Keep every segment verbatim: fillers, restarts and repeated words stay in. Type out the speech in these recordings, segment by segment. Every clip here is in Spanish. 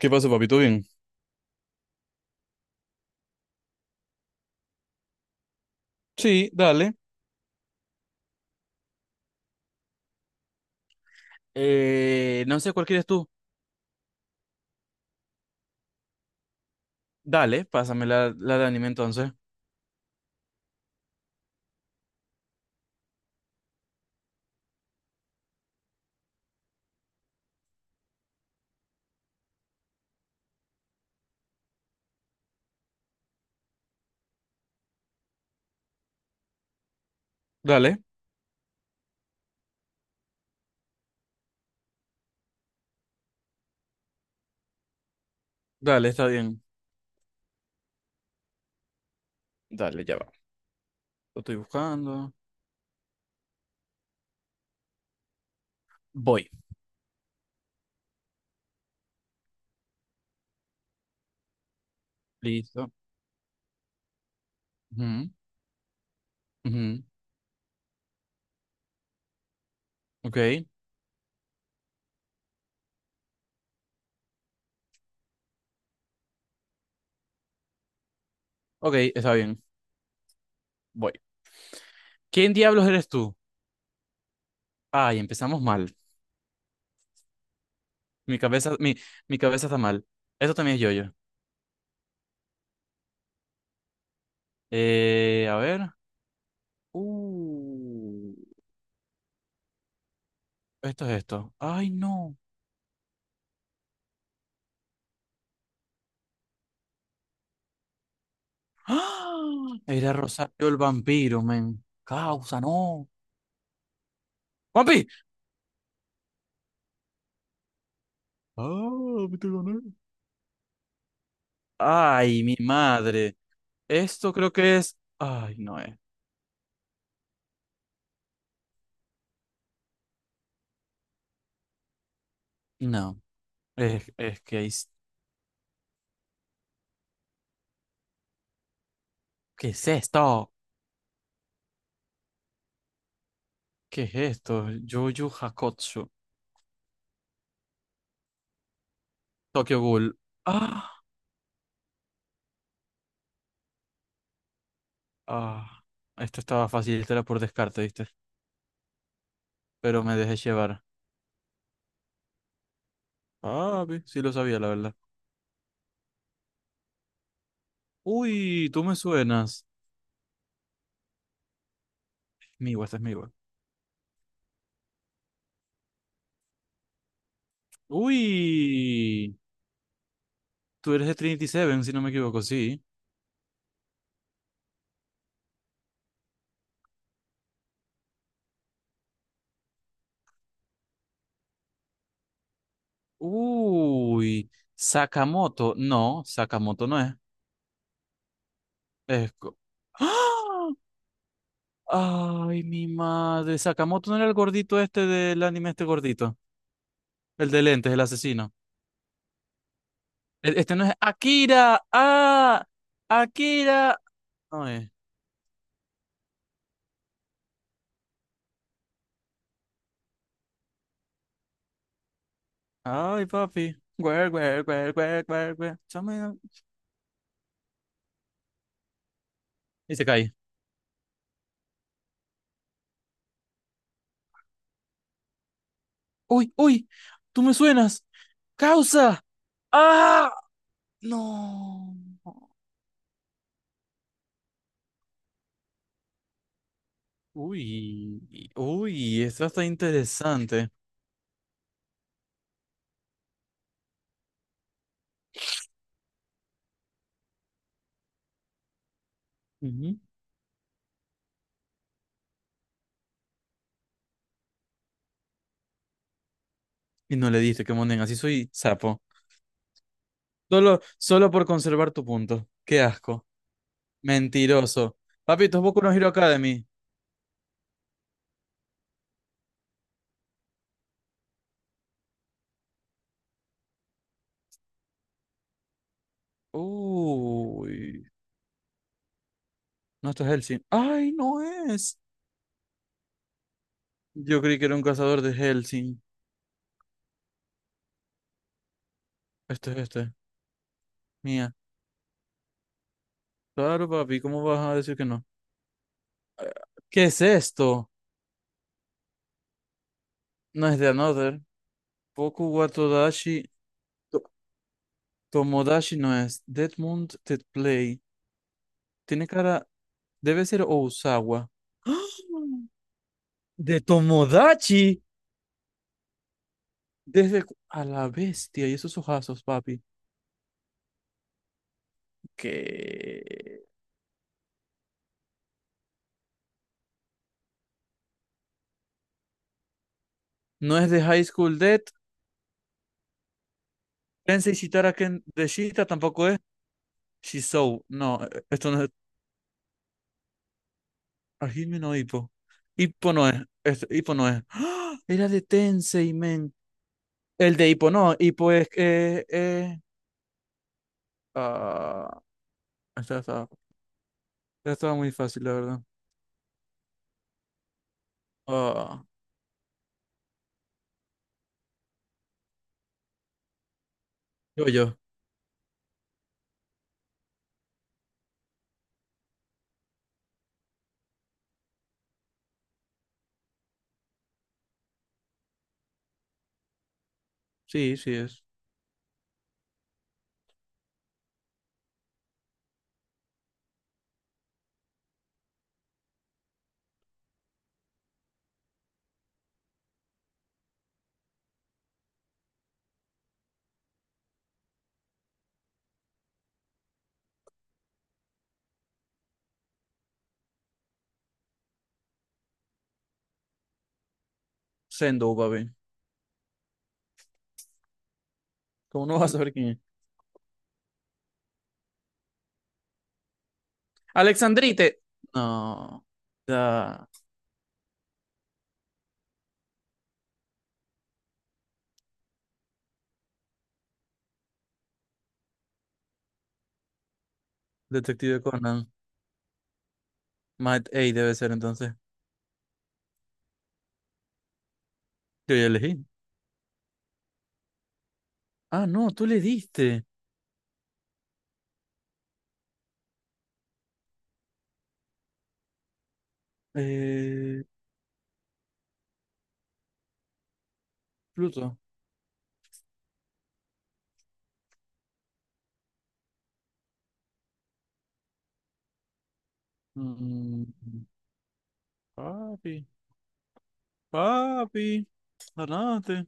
¿Qué pasa, papito? Bien. Sí, dale. Eh, no sé cuál quieres tú. Dale, pásame la, la de anime entonces. Dale, dale, está bien. Dale, ya va. Lo estoy buscando. Voy. Listo. Ujú, ujú. Ok, ok, está bien. Voy. ¿Quién diablos eres tú? Ay, empezamos mal. Mi cabeza, mi, mi cabeza está mal. Esto también es yo-yo. Eh, a ver. Uh, Esto es esto. Ay, no. ¡Ah! Era Rosario el vampiro, men. Causa, no. ¡Vampi! Ah, me te gané. Ay, mi madre. Esto creo que es. Ay, no es. No. Es, es que es. ¿Qué es esto? ¿Qué es esto? Jojo Hakotsu. Tokyo Ghoul. Ah, ah. Esto estaba fácil, esto era por descarte, ¿viste? Pero me dejé llevar. Ah, ve, sí lo sabía, la verdad. Uy, tú me suenas. Miwa, este es Miwa. Uy. Tú eres de Trinity Seven, si no me equivoco, sí. Uy, Sakamoto. No, Sakamoto no es. Es co- ¡Ah! Ay, mi madre. Sakamoto no era el gordito este del anime, este gordito. El de lentes, el asesino. E- Este no es Akira. Ah, Akira. No es. Ay, papi. Guer, guer, guer, guer, guer, guer. Chame- Y se cae. Uy, uy, tú me suenas. Causa. Ah, no. Uy, y- uy, esto está interesante. Ujú. Y no le diste que monen, así soy sapo. Solo, solo por conservar tu punto. Qué asco. Mentiroso. Papito, es Boku no Hero Academy. Uy, no, esto es Hellsing. Ay, no es. Yo creí que era un cazador de Hellsing. Esto es este. Mía. Claro, papi, ¿cómo vas a decir que no? ¿Qué es esto? No es de Another. Boku wa Todashi. To- Tomodachi no es. Dead Moon Dead Play. Tiene cara. Debe ser Osawa. ¡Ah! De Tomodachi. Desde cu- a la bestia y esos ojazos, papi. Que no es de High School Dead. Tensei Shitara Ken de Shita tampoco es. Shisou. No, eh, esto no es. Hajime no Ippo. Ippo no es. Esto, Ippo no es. ¡Ah! Era de Tensei, men. El de Ippo no. Ippo es. Eh, eh, ah, esta estaba, esta estaba muy fácil, la verdad. Ah, yo, yo. Sí, sí es. Sendo, papi. ¿Cómo no vas a saber quién es? Alexandrite. No. Ya. Detective Conan. Matt A debe ser entonces. Yo ya elegí. Ah, no, tú le diste. Eh, Pluto. Mm, papi. Papi. Ganaste.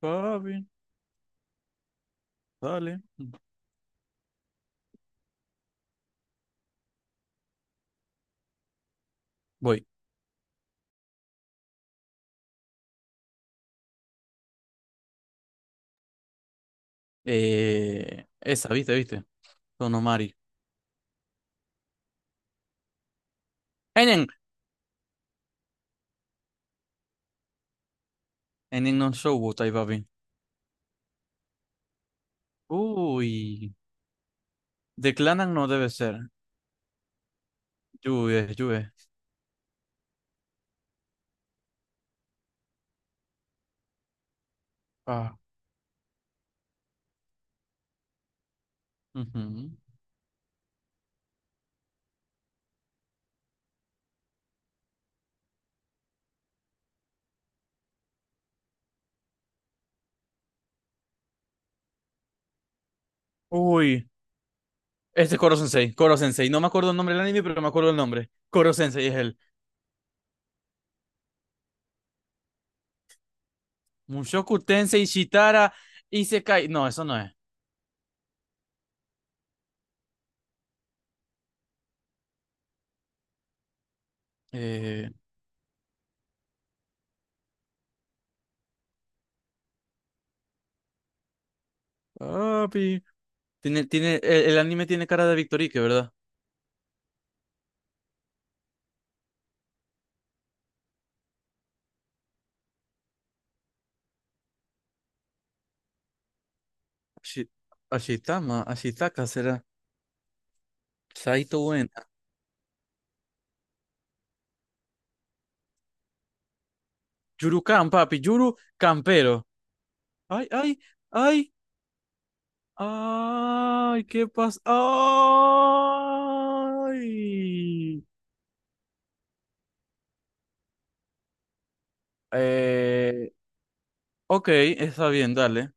Papi. Dale. Voy. Eh, esa, viste, viste. Sonomari. Enen. Enen non showbotai, papi. Uy. Declanan no debe ser. Lluve, lluve. Ah. Ujú. Uy. Este es Koro Sensei, Koro Sensei. No me acuerdo el nombre del anime, pero me acuerdo el nombre. Koro Sensei es él. Mushoku Tensei Shitara Isekai. No, eso no es. Eh, Papi. Tiene, tiene, el, el anime tiene cara de Victorique, ¿verdad? Ashi- Ashitama, Ashitaka será. Saito Uena. Yurukan, papi. Yuru Campero. Ay, ay, ay. Ay, ¿qué pasa? Ay. Eh, ok, está bien, dale.